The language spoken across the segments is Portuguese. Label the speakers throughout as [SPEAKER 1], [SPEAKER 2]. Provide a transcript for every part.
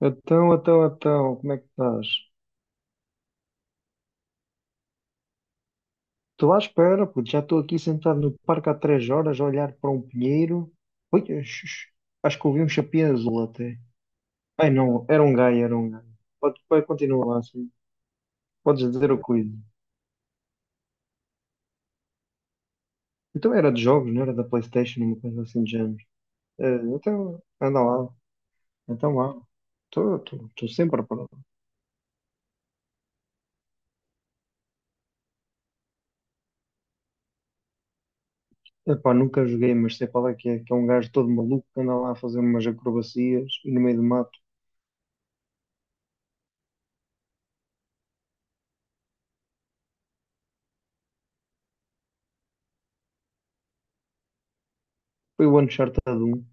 [SPEAKER 1] Então, como é que estás? Estou à espera, puto. Já estou aqui sentado no parque há três horas a olhar para um pinheiro. Ui, xux, acho que ouvi um chapéu azul até. Ai não, era um gajo, era um gajo. Pode, continua lá assim. Podes dizer o cuido. Então era de jogos, não era da PlayStation, uma coisa assim de género. Então, anda lá. Então lá. Estou sempre pronto. Epá, nunca joguei, mas sei qual é que é. Que é um gajo todo maluco que anda lá a fazer umas acrobacias e no meio do mato. Foi o Uncharted um.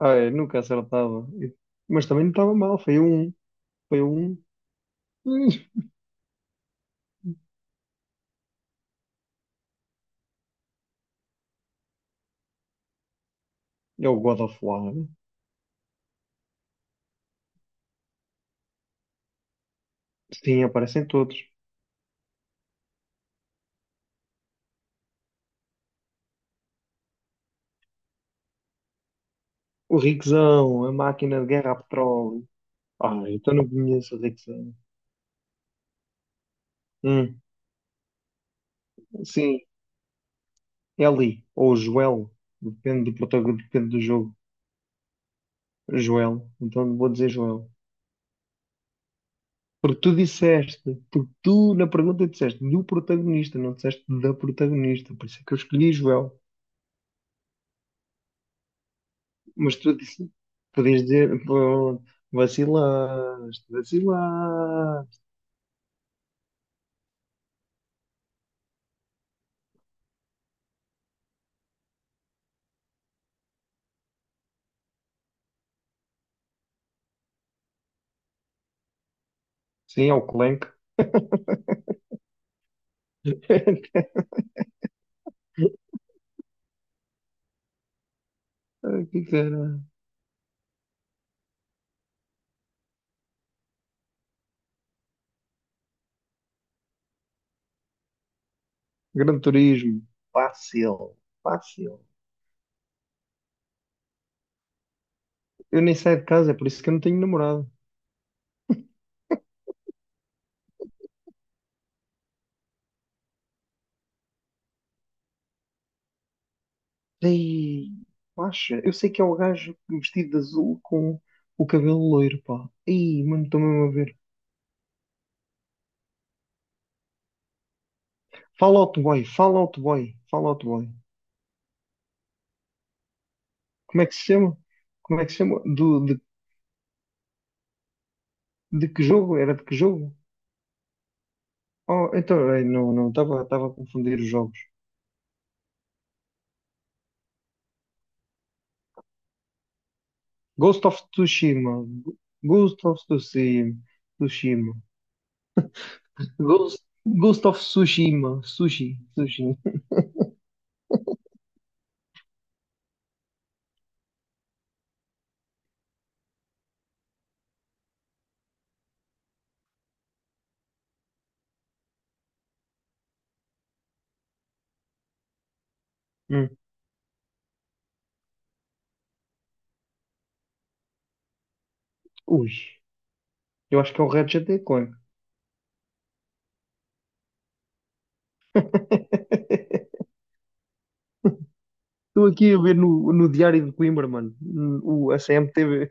[SPEAKER 1] Ah, é, nunca acertava. Mas também não estava mal, foi um. Hum, É o God of War, né? Sim, aparecem todos. O Rickzão, a máquina de guerra a petróleo. Ah, então não conheço o Rickzão. Hum, sim, Eli, ou Joel, depende do protagonista, depende do jogo. Joel, então vou dizer Joel. Porque tu disseste, porque tu na pergunta disseste do protagonista, não disseste da protagonista, por isso é que eu escolhi Joel. Mas tu disse- podias dizer, pô, vacilaste. Sim, é o Clank. O que que era? Gran Turismo. Fácil, fácil. Eu nem saio de casa, é por isso que eu não tenho namorado. Ei, acha? Eu sei que é o gajo vestido de azul com o cabelo loiro, pá. Ei, mano, estou mesmo a ver. Fallout Boy, Fallout Boy, Fallout Boy. Como é que se chama? Como é que se chama? De que jogo? Era de que jogo? Oh, então, não, não, estava a confundir os jogos. Ghost of Tsushima. Ghost of Tsushima. Tsushima. Ghost of Tsushima. Sushi. Sushi. Hum. Ui, eu acho que é um Ratchet and Clank. Estou aqui a ver no Diário de Coimbra, mano. Hum. O, a CMTV.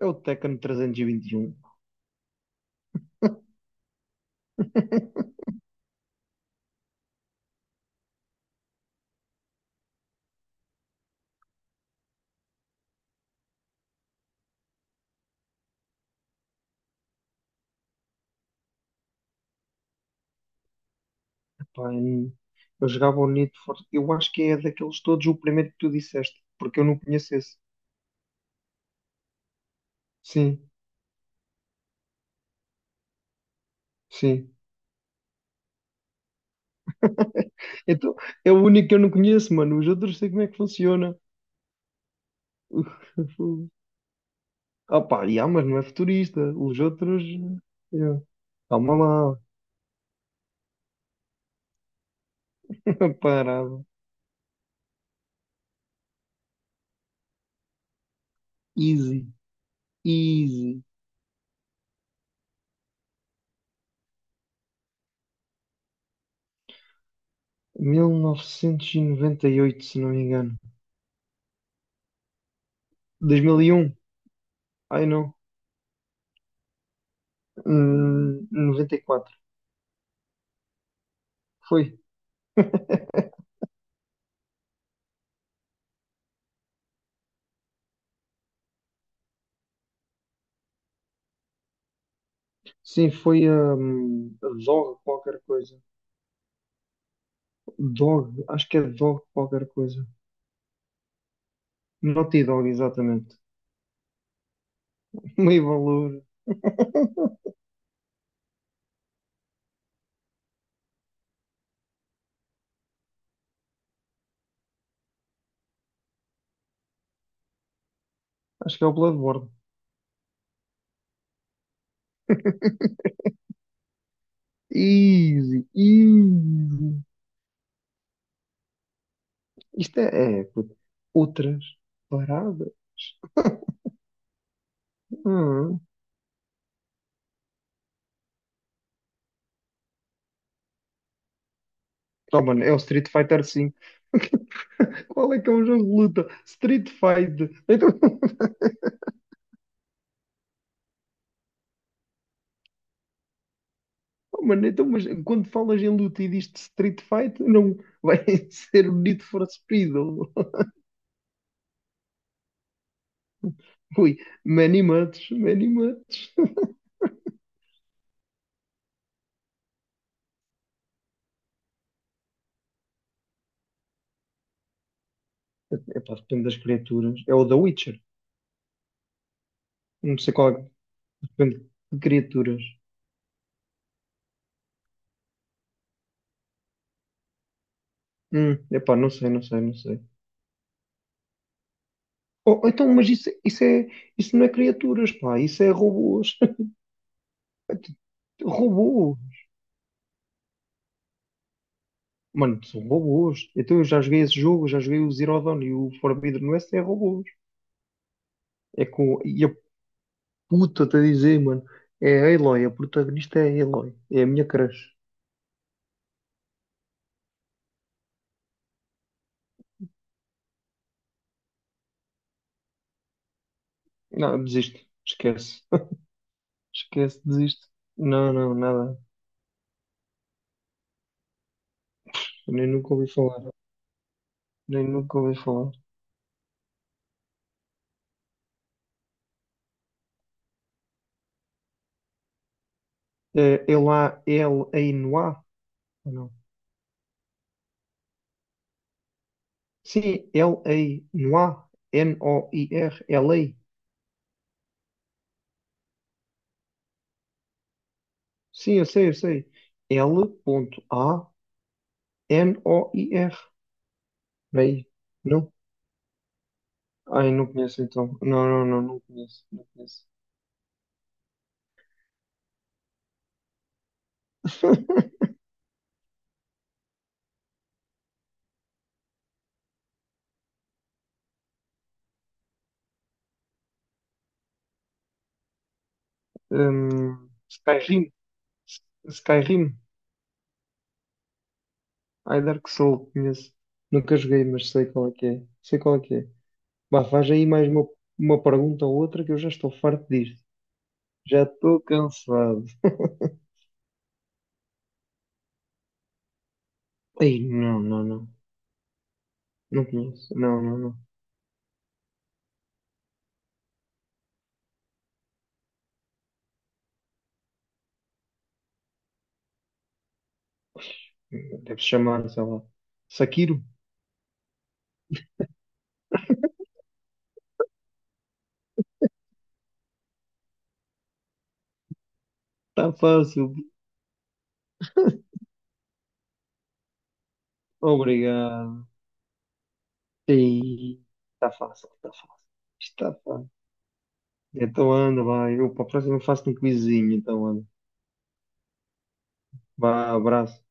[SPEAKER 1] É o Tekken 321. Pá, eu jogava o Need for... Eu acho que é daqueles todos o primeiro que tu disseste, porque eu não conheço esse. Sim, sim. Então, é o único que eu não conheço, mano. Os outros sei como é que funciona. Ah pá, yeah, mas não é futurista. Os outros. Yeah. Calma lá. Parado. Easy. Easy. 1998, se não me engano. 2001. Ai não. 94. Foi. Sim, foi a Dog qualquer coisa. Dog. Acho que é Dog qualquer coisa. Naughty Dog, exatamente. Meio valor. Acho que é o Bloodborne. Easy, easy. Isto é, puto, outras paradas. Hum. Tá, mano, é o Street Fighter 5. Qual é que é um jogo de luta? Street Fight. Então, oh, mano, então, mas quando falas em luta e dizes Street Fight, não vai ser o Need for Speed. Ou- Ui, many much, many much. Epá, depende das criaturas. É o The Witcher. Não sei qual é. Depende de criaturas. Não sei, não sei, não sei. Oh, então, mas isso não é criaturas, pá, isso é robôs. Robôs. Mano, são robôs. Então eu já joguei esse jogo, já joguei o Zero Dawn e o Forbidden West é robôs. É com. E a puta a dizer, mano. É a Aloy, a protagonista é a Aloy. É a minha crush. Não, desisto. Esquece. Esquece, desisto. Não, não, nada. Nem nunca ouvi falar. Nem nunca ouvi falar. É Ela, El, Ainhoa? Sim, L-A, Noir, N-O-I-R, l a. Sim, eu sei, eu sei. L a n o i r. Bem, não? Ai, não conheço então. Não, não, não, não conheço, não conheço. Skyrim, Skyrim. Ai, Dark Souls, conheço. Nunca joguei, mas sei qual é que é. Sei qual é que é. Bah, faz aí mais uma pergunta ou outra que eu já estou farto disto. Já estou cansado. Ai, não, não, não. Não conheço. Não, não, não. Deve chamar, sei lá. Sakiro? Está fácil. Obrigado. Sim. Está fácil, está fácil. Está fácil. Então anda, vai. Eu para a próxima faço um quizinho, então anda. Vá, abraço.